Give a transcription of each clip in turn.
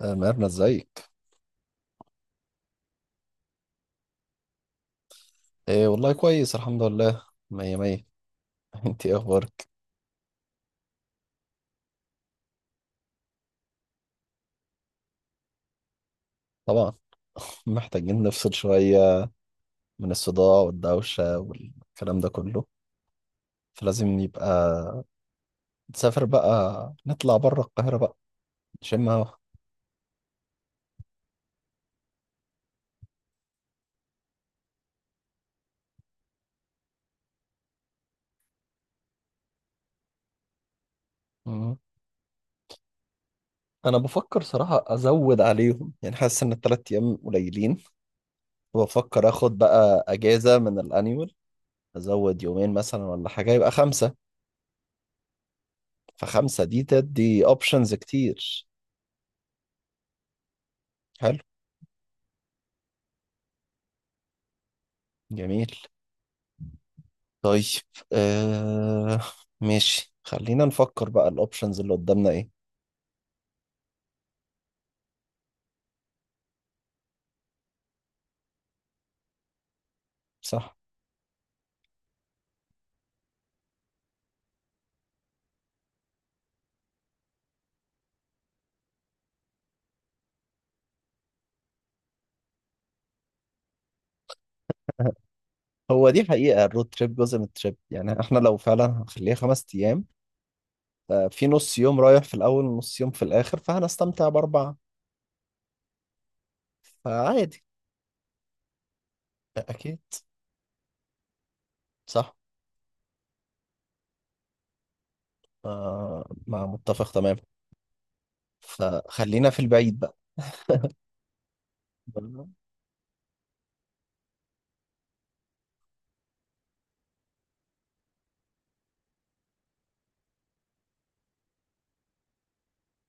آه، ميرنا ازيك؟ ايه والله كويس الحمد لله مية مية. انت ايه اخبارك؟ طبعا، محتاجين نفصل شوية من الصداع والدوشة والكلام ده كله، فلازم يبقى نسافر بقى، نطلع بره القاهرة بقى، نشم هوا. مم. انا بفكر صراحة ازود عليهم، يعني حاسس ان التلات ايام قليلين، وبفكر اخد بقى اجازة من الانيول. ازود يومين مثلا ولا حاجة، يبقى خمسة. فخمسة دي تدي اوبشنز كتير. حلو. جميل. طيب. آه، ماشي، خلينا نفكر بقى الاوبشنز اللي قدامنا ايه. صح، هو دي حقيقة الرود تريب جزء من التريب، يعني احنا لو فعلا هنخليها خمس ايام، في نص يوم رايح في الاول ونص يوم في الاخر، فهنستمتع باربعة. فعادي. اكيد. صح. آه، مع متفق تمام. فخلينا في البعيد بقى.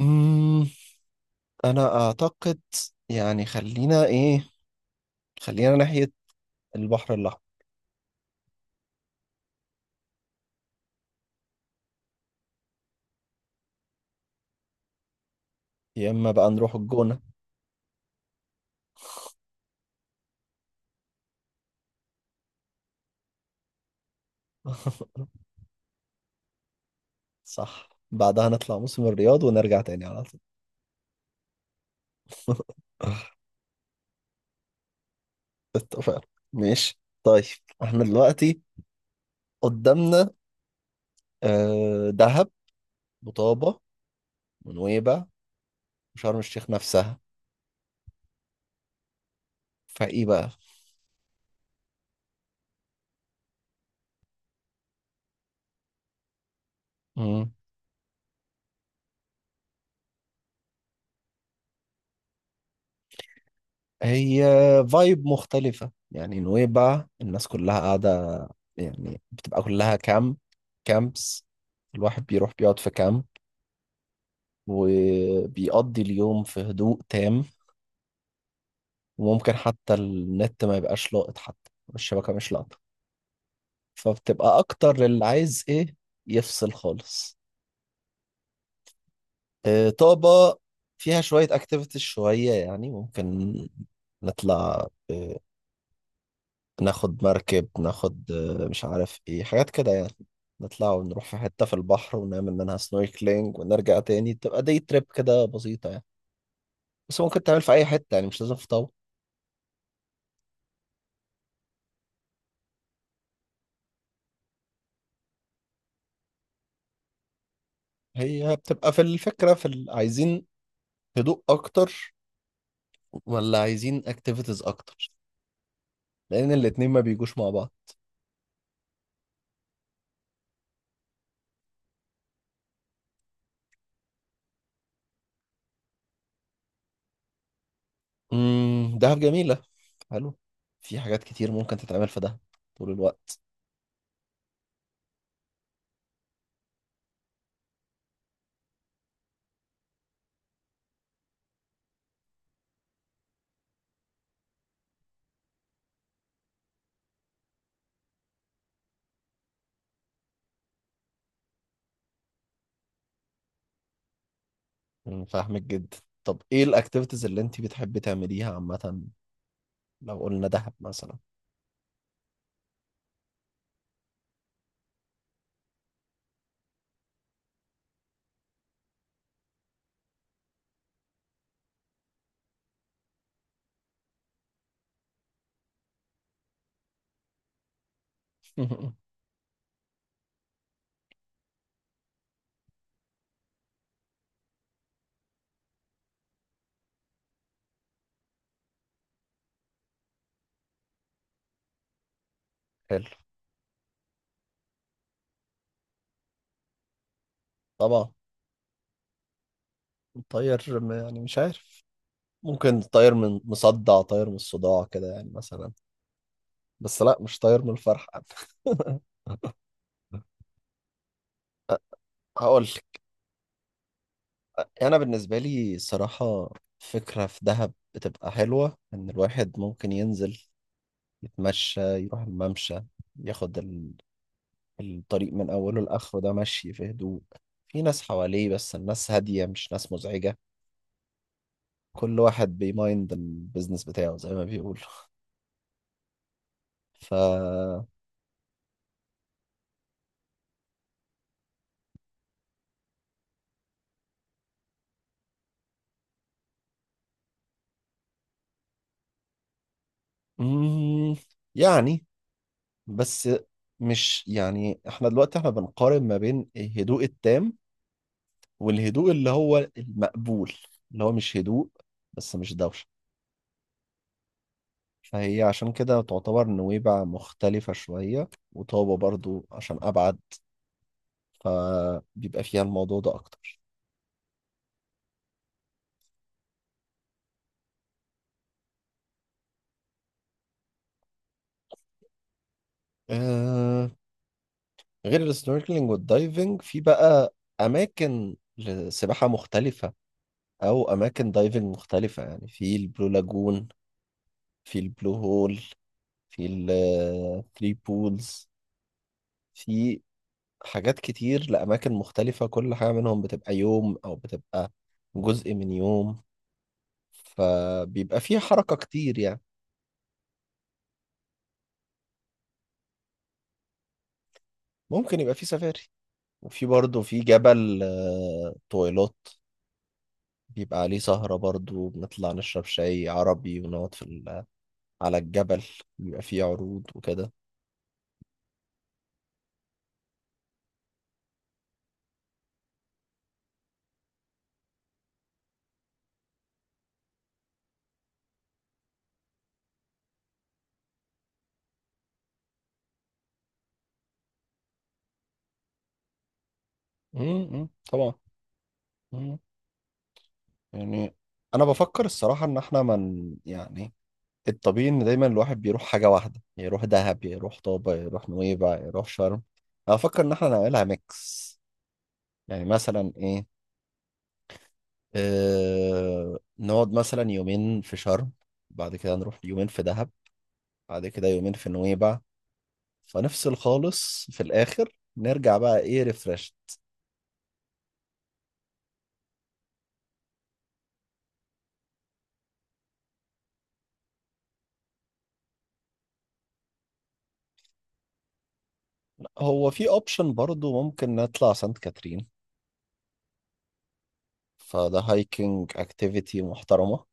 أمم، انا اعتقد، يعني خلينا ايه، خلينا ناحية البحر الاحمر. يا اما بقى نروح الجونة. صح، بعدها نطلع موسم الرياض ونرجع تاني على طول. اتفقنا. ماشي، طيب. احنا دلوقتي قدامنا دهب، وطابة، ونويبع، وشرم الشيخ نفسها. فايه بقى؟ مم. هي فايب مختلفة، يعني نويبع الناس كلها قاعدة، يعني بتبقى كلها كامب، كامبس. الواحد بيروح بيقعد في كامب، وبيقضي اليوم في هدوء تام، وممكن حتى النت ما يبقاش لاقط، حتى الشبكة مش لاقطة. فبتبقى أكتر اللي عايز إيه يفصل خالص. آه، طابة فيها شوية أكتيفيتيز شوية، يعني ممكن نطلع، ناخد مركب، ناخد مش عارف إيه، حاجات كده يعني. نطلع ونروح في حتة في البحر ونعمل منها سنوركلينج ونرجع تاني، بتبقى دي تريب كده بسيطة يعني. بس ممكن تعمل في أي حتة، يعني مش لازم في طابة. هي بتبقى في الفكرة في عايزين هدوء أكتر ولا عايزين اكتيفيتيز اكتر، لان الاتنين ما بيجوش مع بعض. امم، دهب جميلة. حلو. في حاجات كتير ممكن تتعمل في دهب طول الوقت. أمم، فاهمك جدا. طب ايه الاكتيفيتيز اللي انت بتحبي تعمليها عامة؟ لو قلنا دهب مثلا. حلو. طبعا. الطير يعني مش عارف، ممكن طير من مصدع، طير من الصداع كده يعني، مثلا. بس لا، مش طير من الفرحة. هقول انا بالنسبه لي الصراحه، فكره في دهب بتبقى حلوه ان الواحد ممكن ينزل يتمشى، يروح الممشى، ياخد الطريق من اوله لاخره ده، مشي في هدوء، في ناس حواليه بس الناس هاديه، مش ناس مزعجه. كل واحد بيمايند البيزنس بتاعه زي ما بيقولوا. ف مم، يعني بس مش، يعني احنا دلوقتي احنا بنقارن ما بين الهدوء التام والهدوء اللي هو المقبول، اللي هو مش هدوء بس مش دوشة. فهي عشان كده تعتبر نويبع مختلفة شوية، وطابة برضو عشان أبعد، فبيبقى فيها الموضوع ده أكتر. آه، غير السنوركلينج والدايفنج، في بقى أماكن لسباحة مختلفة أو أماكن دايفنج مختلفة، يعني في البلو لاجون، في البلو هول، في الثري بولز، في حاجات كتير لأماكن مختلفة. كل حاجة منهم بتبقى يوم أو بتبقى جزء من يوم، فبيبقى فيه حركة كتير يعني. ممكن يبقى فيه سفاري، وفي برضه في جبل طويلات، بيبقى عليه سهرة برضه، بنطلع نشرب شاي عربي ونقعد في ال- على الجبل، بيبقى فيه عروض وكده. م- م، طبعا. م، يعني أنا بفكر الصراحة إن إحنا من، يعني الطبيعي ان دايما الواحد بيروح حاجه واحده، يروح دهب، يروح طابه، يروح نويبع، يروح شرم. انا افكر ان احنا نعملها ميكس، يعني مثلا ايه، نقعد مثلا يومين في شرم، بعد كده نروح يومين في دهب، بعد كده يومين في نويبع، فنفصل خالص في الاخر، نرجع بقى ايه ريفرش. هو في اوبشن برضو ممكن نطلع سانت كاترين، فده هايكنج اكتيفيتي محترمه،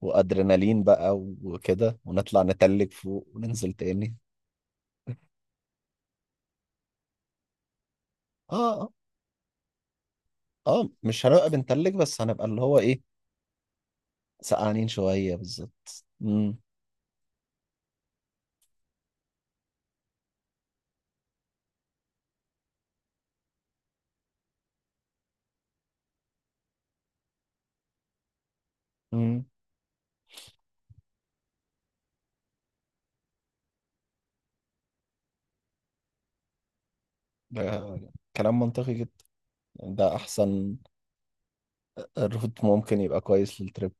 وادرينالين بقى وكده، ونطلع نتلج فوق وننزل تاني. اه اه، مش هنبقى بنتلج بس هنبقى اللي هو ايه، سقعانين شوية بالظبط. امم. امم. ده كلام منطقي جدا، يعني ده احسن روت ممكن يبقى كويس للتريب.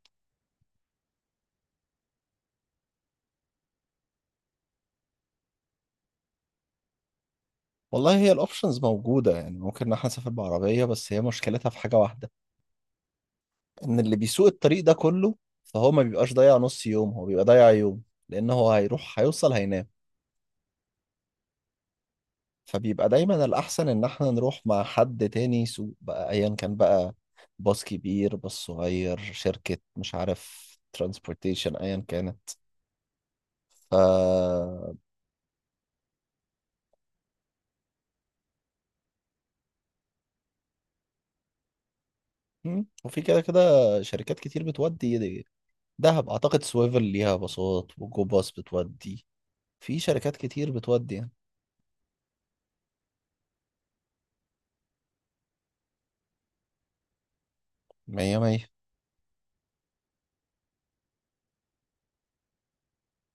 والله هي الاوبشنز موجودة، يعني ممكن ان احنا نسافر بعربية، بس هي مشكلتها في حاجة واحدة، ان اللي بيسوق الطريق ده كله، فهو ما بيبقاش ضايع نص يوم، هو بيبقى ضايع يوم، لان هو هيروح هيوصل هينام. فبيبقى دايما الأحسن إن احنا نروح مع حد تاني سوق بقى، أيا كان بقى، باص كبير، باص صغير، شركة، مش عارف، ترانسبورتيشن أيا كانت. ف مم. وفي كده كده شركات كتير بتودي دهب، أعتقد سويفل ليها باصات، وجو باص بتودي. في شركات كتير بتودي يعني. مية مية.